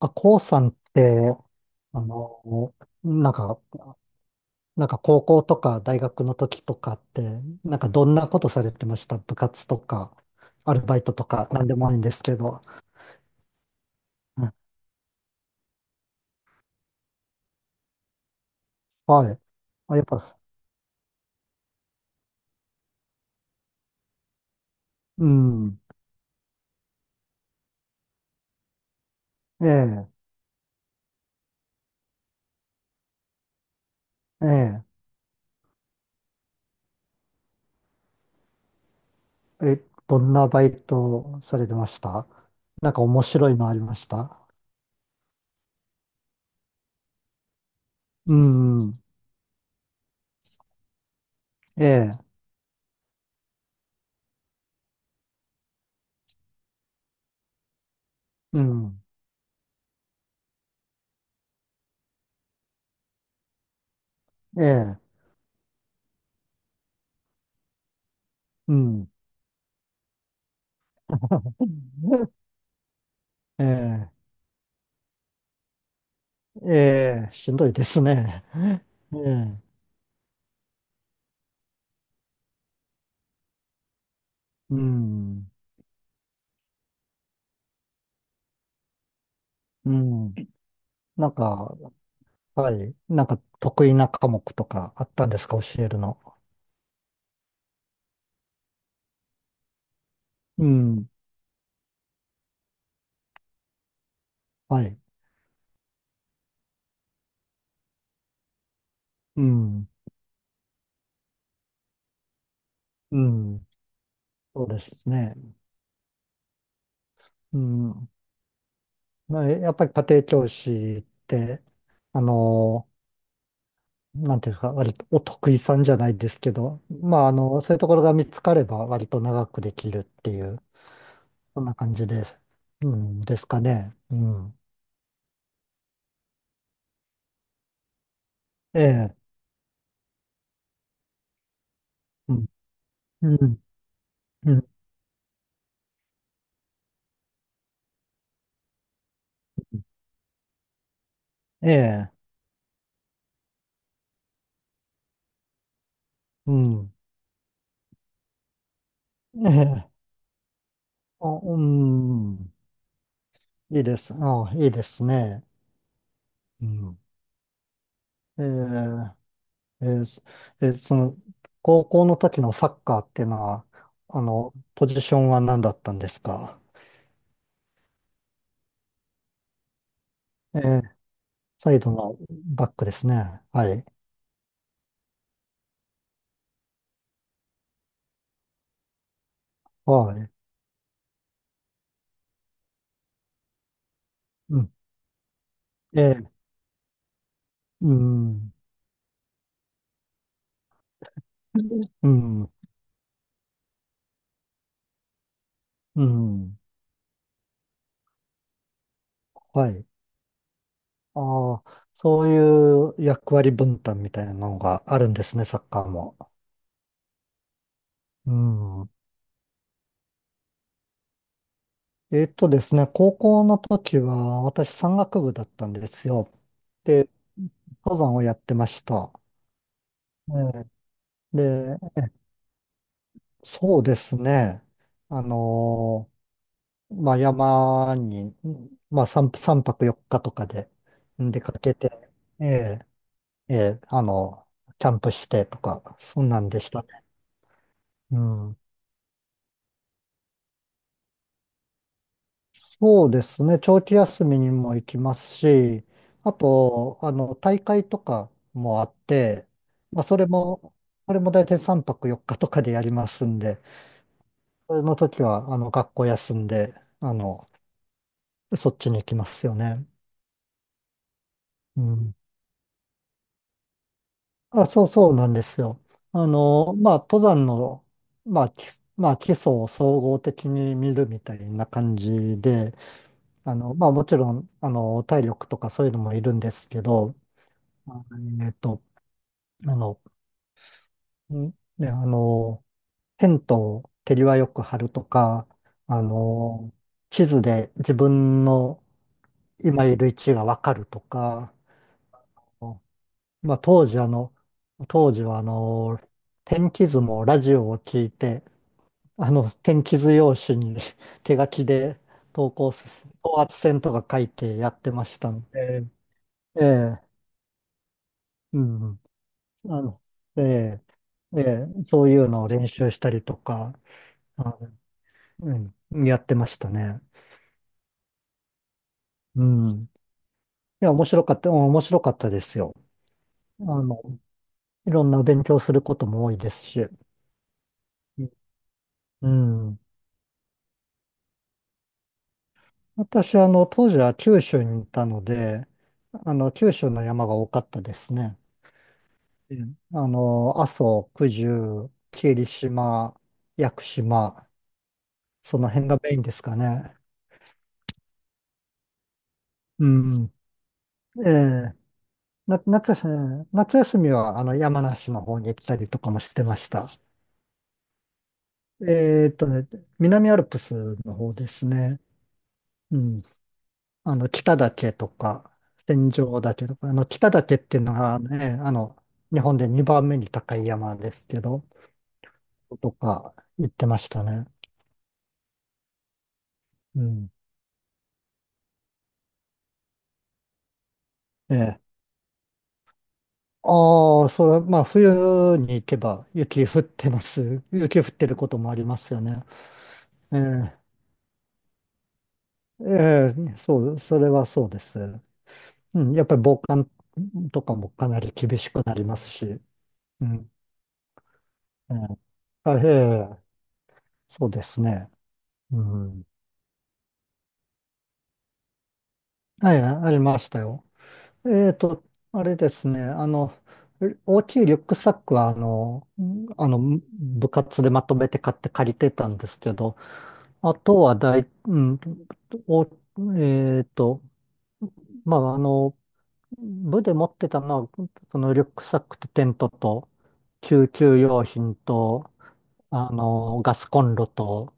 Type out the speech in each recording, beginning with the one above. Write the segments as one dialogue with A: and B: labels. A: あ、こうさんって、あの、なんか、なんか高校とか大学の時とかって、なんかどんなことされてました？部活とか、アルバイトとか、なんでもいいんですけど。うん。はい。あ、やっぱ。うん。ええ、ええ、え、どんなバイトされてました？なんか面白いのありました？うん。ええ、うん。ええ、うん。ええ、ええ、しんどいですね。ええ。うん。うん。なんか、はい。なんか得意な科目とかあったんですか？教えるの？うん。はい。うん。うん。そうですね。うん。まあ、やっぱり家庭教師って、あの、なんていうんですか、割とお得意さんじゃないですけど、まあ、そういうところが見つかれば割と長くできるっていう、そんな感じです。うん。ですかね。うん。ええ。うん。うん。うん、ええ。うん。ええ。あ、うん。いいです。あ、いいですね。うん。えー、えーそえーその、高校の時のサッカーっていうのは、ポジションは何だったんですか？えー、サイドのバックですね。はい。はい。うん。えー、うん。うん。うん。はい。ああ、そういう役割分担みたいなのがあるんですね、サッカーも。うん。ですね、高校の時は私山岳部だったんですよ。で、登山をやってました。ええ。で、そうですね。あのまあ、山に、まあ、3、三泊4日とかで出かけて、ええ、ええ、キャンプしてとか、そんなんでしたね。うん。そうですね。長期休みにも行きますし、あと、大会とかもあって、まあ、それも、あれも大体3泊4日とかでやりますんで、それの時は、学校休んで、あの、そっちに行きますよね。うん。あ、そうそうなんですよ。まあ、登山の、まあ、基礎を総合的に見るみたいな感じで、まあ、もちろん、体力とかそういうのもいるんですけど、あえっと、あの、んで、テントを手際よく張るとか、あの、地図で自分の今いる位置がわかるとか、まあ、当時は天気図もラジオを聞いて、天気図用紙に 手書きで投稿す、高圧線とか書いてやってましたので、ええ、うん、あの、ええ、ええ、そういうのを練習したりとか、あのうん、やってましたね。うん。いや、面白かった。うん、面白かったですよ。あの、いろんな勉強することも多いですし。うん。私、当時は九州にいたので、九州の山が多かったですね。うん。阿蘇、九十、霧島、屋久島、その辺がメインですかね。うん。ええ。な、夏休み、夏休みは、山梨の方に行ったりとかもしてました。ね、南アルプスの方ですね。うん。北岳とか、天井岳とか、北岳っていうのがね、日本で2番目に高い山ですけど、とか言ってましたね。うん。ええ。ああ、それ、まあ、冬に行けば雪降ってます。雪降ってることもありますよね。ええ、ええ、そう、それはそうです。うん。やっぱり防寒とかもかなり厳しくなりますし。うん。ええ、あ、ええ、そうですね。うん。はい、ありましたよ。えっと、あれですね、大きいリュックサックは、部活でまとめて買って借りてたんですけど、あとは大、うん、お、えっと、まあ、部で持ってたのは、そのリュックサックとテントと、救急用品と、ガスコンロと、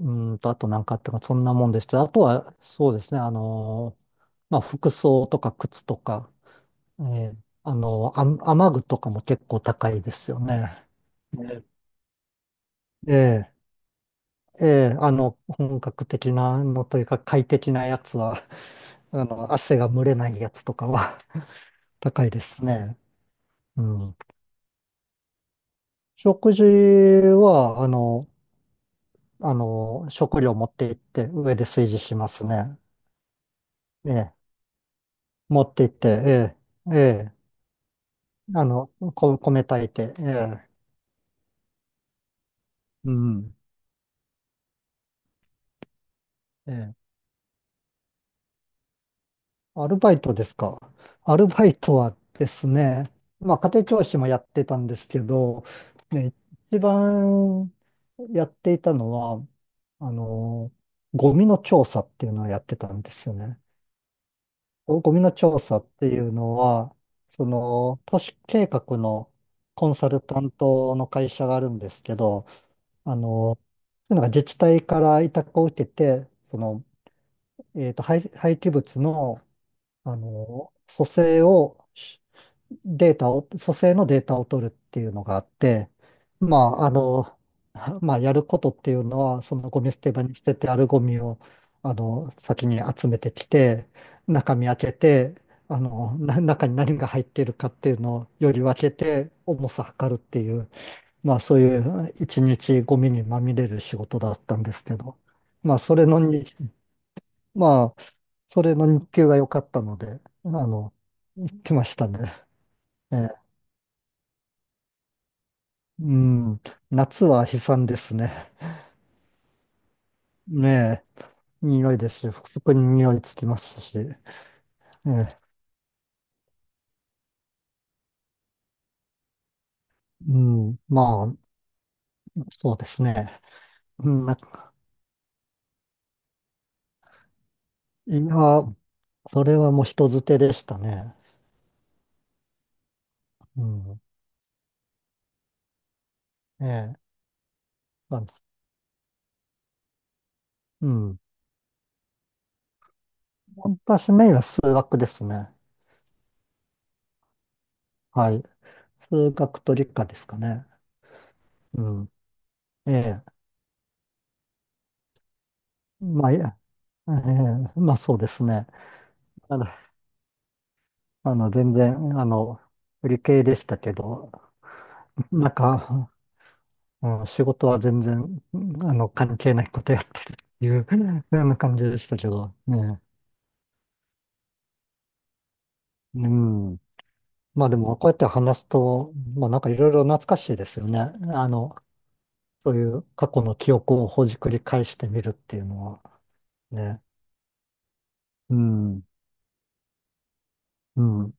A: うあと何かあったか、そんなもんでした。あとは、そうですね、まあ、服装とか靴とか、えー雨具とかも結構高いですよね。ね、ええ、ええ、本格的なのというか、快適なやつは、汗が蒸れないやつとかは 高いですね。うん。食事は、食料持って行って、上で炊事しますね。ええ、持って行って、ええ、ええ。あの、米炊いて、ええ、うん、ええ、アルバイトですか？アルバイトはですね、まあ、家庭教師もやってたんですけど、ね、一番やっていたのは、あの、ゴミの調査っていうのをやってたんですよね。ゴミの調査っていうのは、その、都市計画のコンサル担当の会社があるんですけど、あの、なんか自治体から委託を受けて、その、廃棄物の、組成を、しデータを、組成のデータを取るっていうのがあって、まあ、まあ、やることっていうのは、そのゴミ捨て場に捨ててあるゴミを、先に集めてきて、中身開けて、中に何が入っているかっていうのをより分けて、重さ測るっていう、まあ、そういう一日ゴミにまみれる仕事だったんですけど、まあ、まあ、それの日給が良かったので、あの、行きましたね。ええ、うん、夏は悲惨ですね。ねえ、匂いですし、服に匂いつきますし。ええ、うん、まあ、そうですね。うん。いや、それはもう人づてでしたね。うん、ええ、まあ、うん。私メインは数学ですね。はい。数学と理科ですかね。うん。ええ、まあ、いや、ええ、まあ、そうですね。あの全然、あの、理系でしたけど、なんか、うん、仕事は全然、関係ないことやってるっていう、ような感じでしたけど、ね。うん。まあでも、こうやって話すと、まあなんかいろいろ懐かしいですよね。あの、そういう過去の記憶をほじくり返してみるっていうのは、ね。うん。うん。